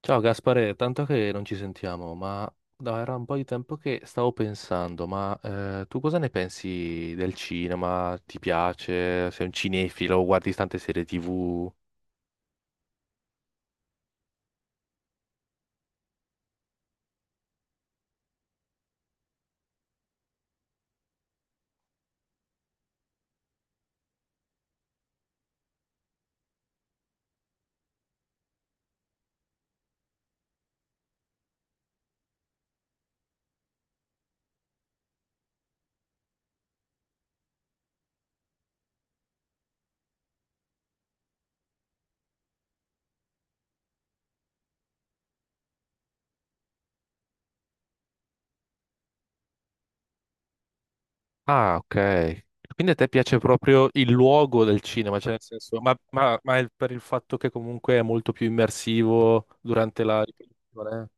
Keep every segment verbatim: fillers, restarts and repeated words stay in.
Ciao Gaspare, tanto che non ci sentiamo, ma no, era un po' di tempo che stavo pensando, ma eh, tu cosa ne pensi del cinema? Ti piace? Sei un cinefilo? Guardi tante serie T V? Ah, ok. Quindi a te piace proprio il luogo del cinema, cioè nel senso, ma, ma- ma è per il fatto che comunque è molto più immersivo durante la riproduzione, eh?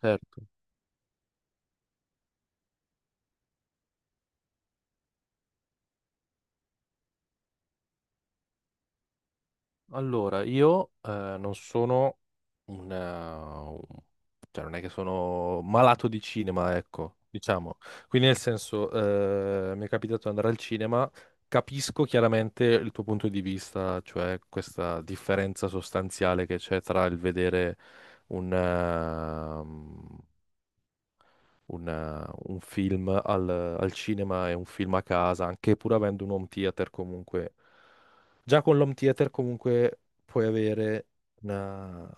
Certo. Allora, io eh, non sono un... eh, cioè non è che sono malato di cinema, ecco, diciamo. Quindi nel senso, eh, mi è capitato di andare al cinema, capisco chiaramente il tuo punto di vista, cioè questa differenza sostanziale che c'è tra il vedere un, ehm, un, eh, un film al, al cinema e un film a casa, anche pur avendo un home theater comunque. Già con l'home theater comunque puoi avere una-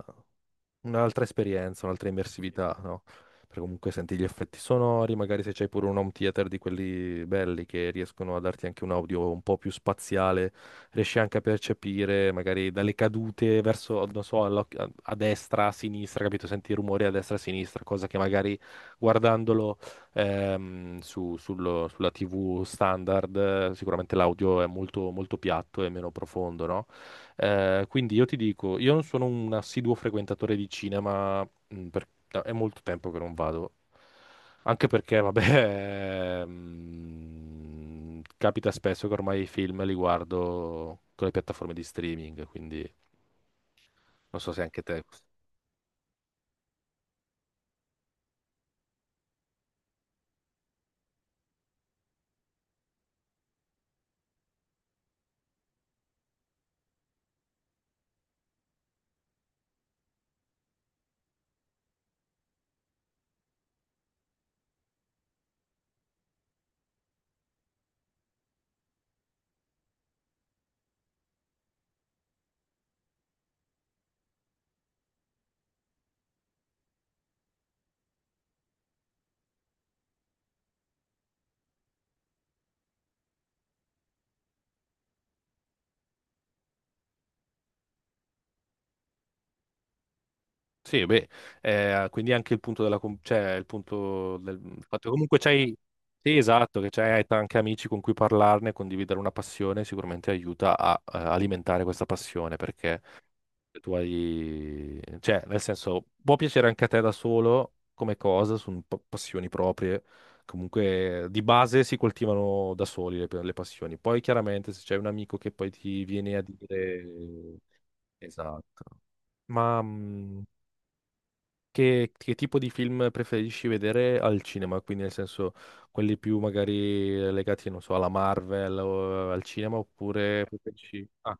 un'altra esperienza, un'altra immersività, no? Perché comunque senti gli effetti sonori, magari se c'hai pure un home theater di quelli belli che riescono a darti anche un audio un po' più spaziale, riesci anche a percepire magari dalle cadute verso, non so, alla- a, a destra, a sinistra, capito? Senti i rumori a destra, a sinistra, cosa che magari guardandolo ehm, su- sullo- sulla T V standard, eh, sicuramente l'audio è molto, molto piatto e meno profondo, no? Eh, quindi io ti dico, io non sono un assiduo frequentatore di cinema, mh, per- no, è molto tempo che non vado, anche perché, vabbè, ehm, capita spesso che ormai i film li guardo con le piattaforme di streaming, quindi non so se anche te. Sì, beh, eh, quindi anche il punto della... com- cioè, il punto del il fatto che comunque c'hai. Sì, esatto, che c'hai anche amici con cui parlarne, condividere una passione, sicuramente aiuta a eh, alimentare questa passione, perché tu hai, cioè, nel senso, può piacere anche a te da solo come cosa, sono pa- passioni proprie. Comunque, di base si coltivano da soli le, le passioni. Poi, chiaramente, se c'è un amico che poi ti viene a dire. Esatto. Ma mh, che, che tipo di film preferisci vedere al cinema? Quindi, nel senso, quelli più magari legati, non so, alla Marvel o al cinema, oppure preferisci. Ah,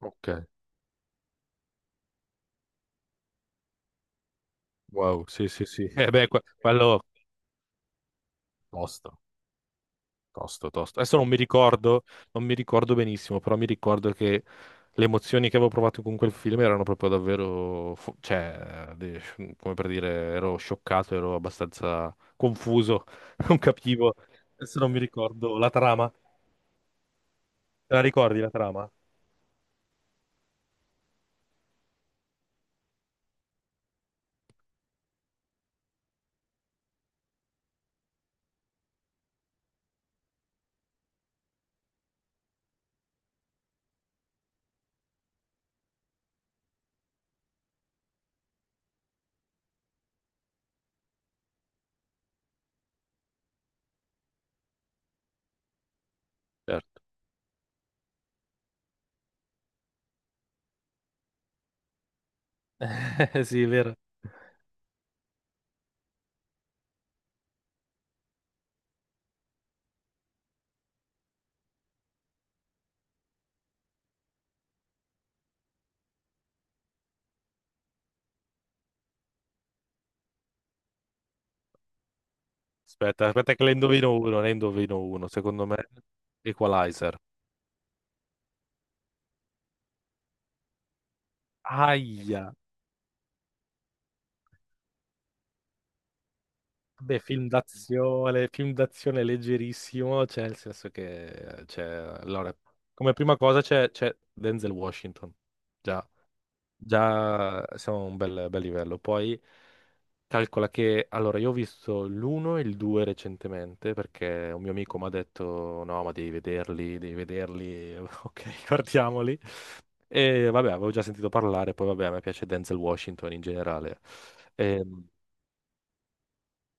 ok. Wow, sì, sì, sì. Eh beh, que- quello tosto. Tosto, tosto. Adesso non mi ricordo, non mi ricordo benissimo, però mi ricordo che le emozioni che avevo provato con quel film erano proprio davvero, fu- cioè, de- come per dire, ero scioccato, ero abbastanza confuso, non capivo. Adesso non mi ricordo la trama. Te la ricordi la trama? Certo. Sì, è vero. Aspetta, aspetta che ne indovino uno, ne indovino uno. Secondo me, Equalizer. Aia. Beh, film d'azione, film d'azione leggerissimo, cioè nel senso che, cioè, allora, come prima cosa c'è c'è Denzel Washington, già, già siamo a un bel, bel livello. Poi calcola che, allora, io ho visto l'uno e il due recentemente perché un mio amico mi ha detto, no, ma devi vederli, devi vederli, ok, guardiamoli. E vabbè, avevo già sentito parlare, poi vabbè, a me piace Denzel Washington in generale. Ehm,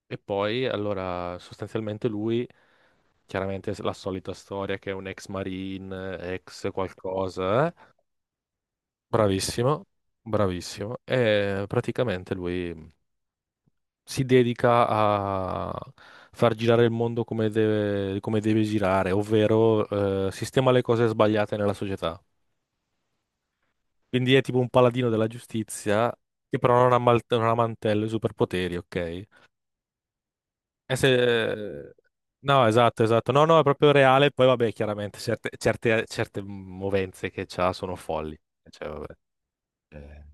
E, poi, allora, sostanzialmente lui. Chiaramente s- la solita storia che è un ex marine, ex qualcosa, eh. Bravissimo, bravissimo. E praticamente lui mm, si dedica a far girare il mondo come deve, come deve girare, ovvero eh, sistema le cose sbagliate nella società. Quindi è tipo un paladino della giustizia che però non ha, mal- non ha mantello e superpoteri, ok? Eh, se- No, esatto, esatto. No, no, è proprio reale. Poi, vabbè, chiaramente certe, certe- certe movenze che c'ha sono folli. Eh, Cioè, vabbè. Eh,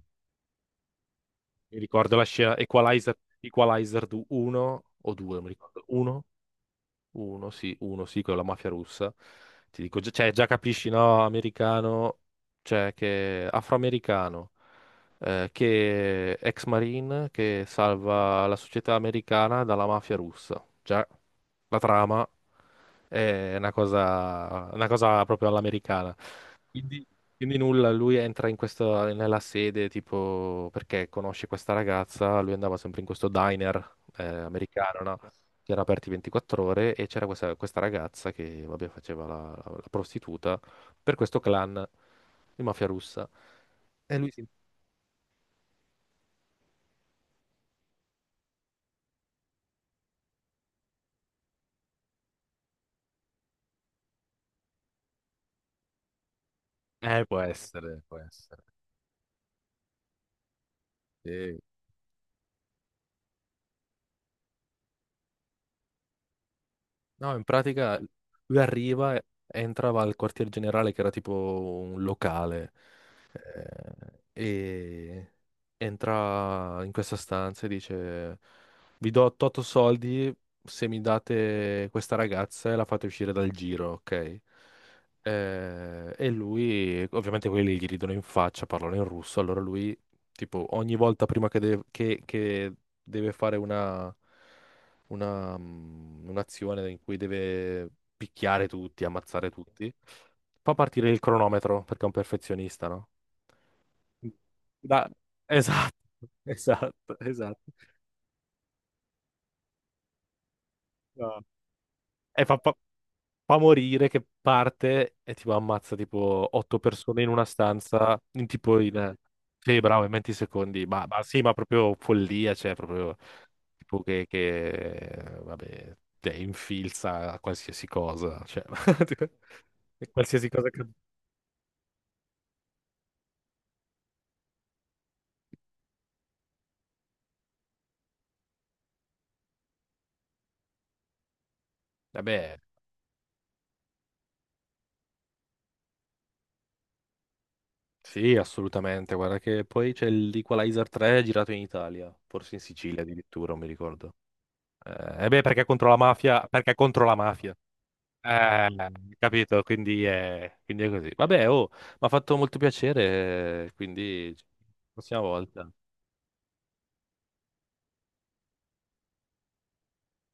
Mi ricordo la scena Equalizer, Equalizer uno o due, mi ricordo. uno? uno, sì, uno, sì, con la mafia russa. Ti dico, già- cioè, già capisci, no, americano, cioè, che afroamericano, eh, che ex marine, che salva la società americana dalla mafia russa. Già, la trama. È una cosa, una cosa proprio all'americana. Quindi, quindi nulla, lui entra in questo, nella sede, tipo, perché conosce questa ragazza, lui andava sempre in questo diner eh, americano, no? Che era aperti ventiquattro ore e c'era questa, questa ragazza che, vabbè, faceva la, la prostituta per questo clan di mafia russa. E lui si. Eh, Può essere, può essere. Sì. No, in pratica lui arriva, e entrava al quartier generale che era tipo un locale eh, e entra in questa stanza e dice vi do otto soldi se mi date questa ragazza e la fate uscire dal giro, ok? Eh, e lui, ovviamente quelli gli ridono in faccia, parlano in russo, allora lui tipo ogni volta prima che deve, che- che deve fare una una, mm, un'azione in cui deve picchiare tutti, ammazzare tutti, fa partire il cronometro perché è un perfezionista, no? Da- Esatto, esatto, esatto. No. E fa, pa- fa morire che parte e tipo ammazza tipo otto persone in una stanza, in tipo in. Sì, bravo, in venti secondi. Ma, ma sì, ma proprio follia, cioè proprio tipo che, che vabbè, te infilza a qualsiasi cosa, cioè e qualsiasi cosa che. Vabbè, sì, assolutamente. Guarda che poi c'è l'Equalizer tre girato in Italia, forse in Sicilia addirittura, non mi ricordo. Eh, eh beh, perché è contro la mafia, perché è contro la mafia, Eh, capito, quindi è, quindi è così. Vabbè, oh, mi ha fatto molto piacere, eh, quindi prossima volta.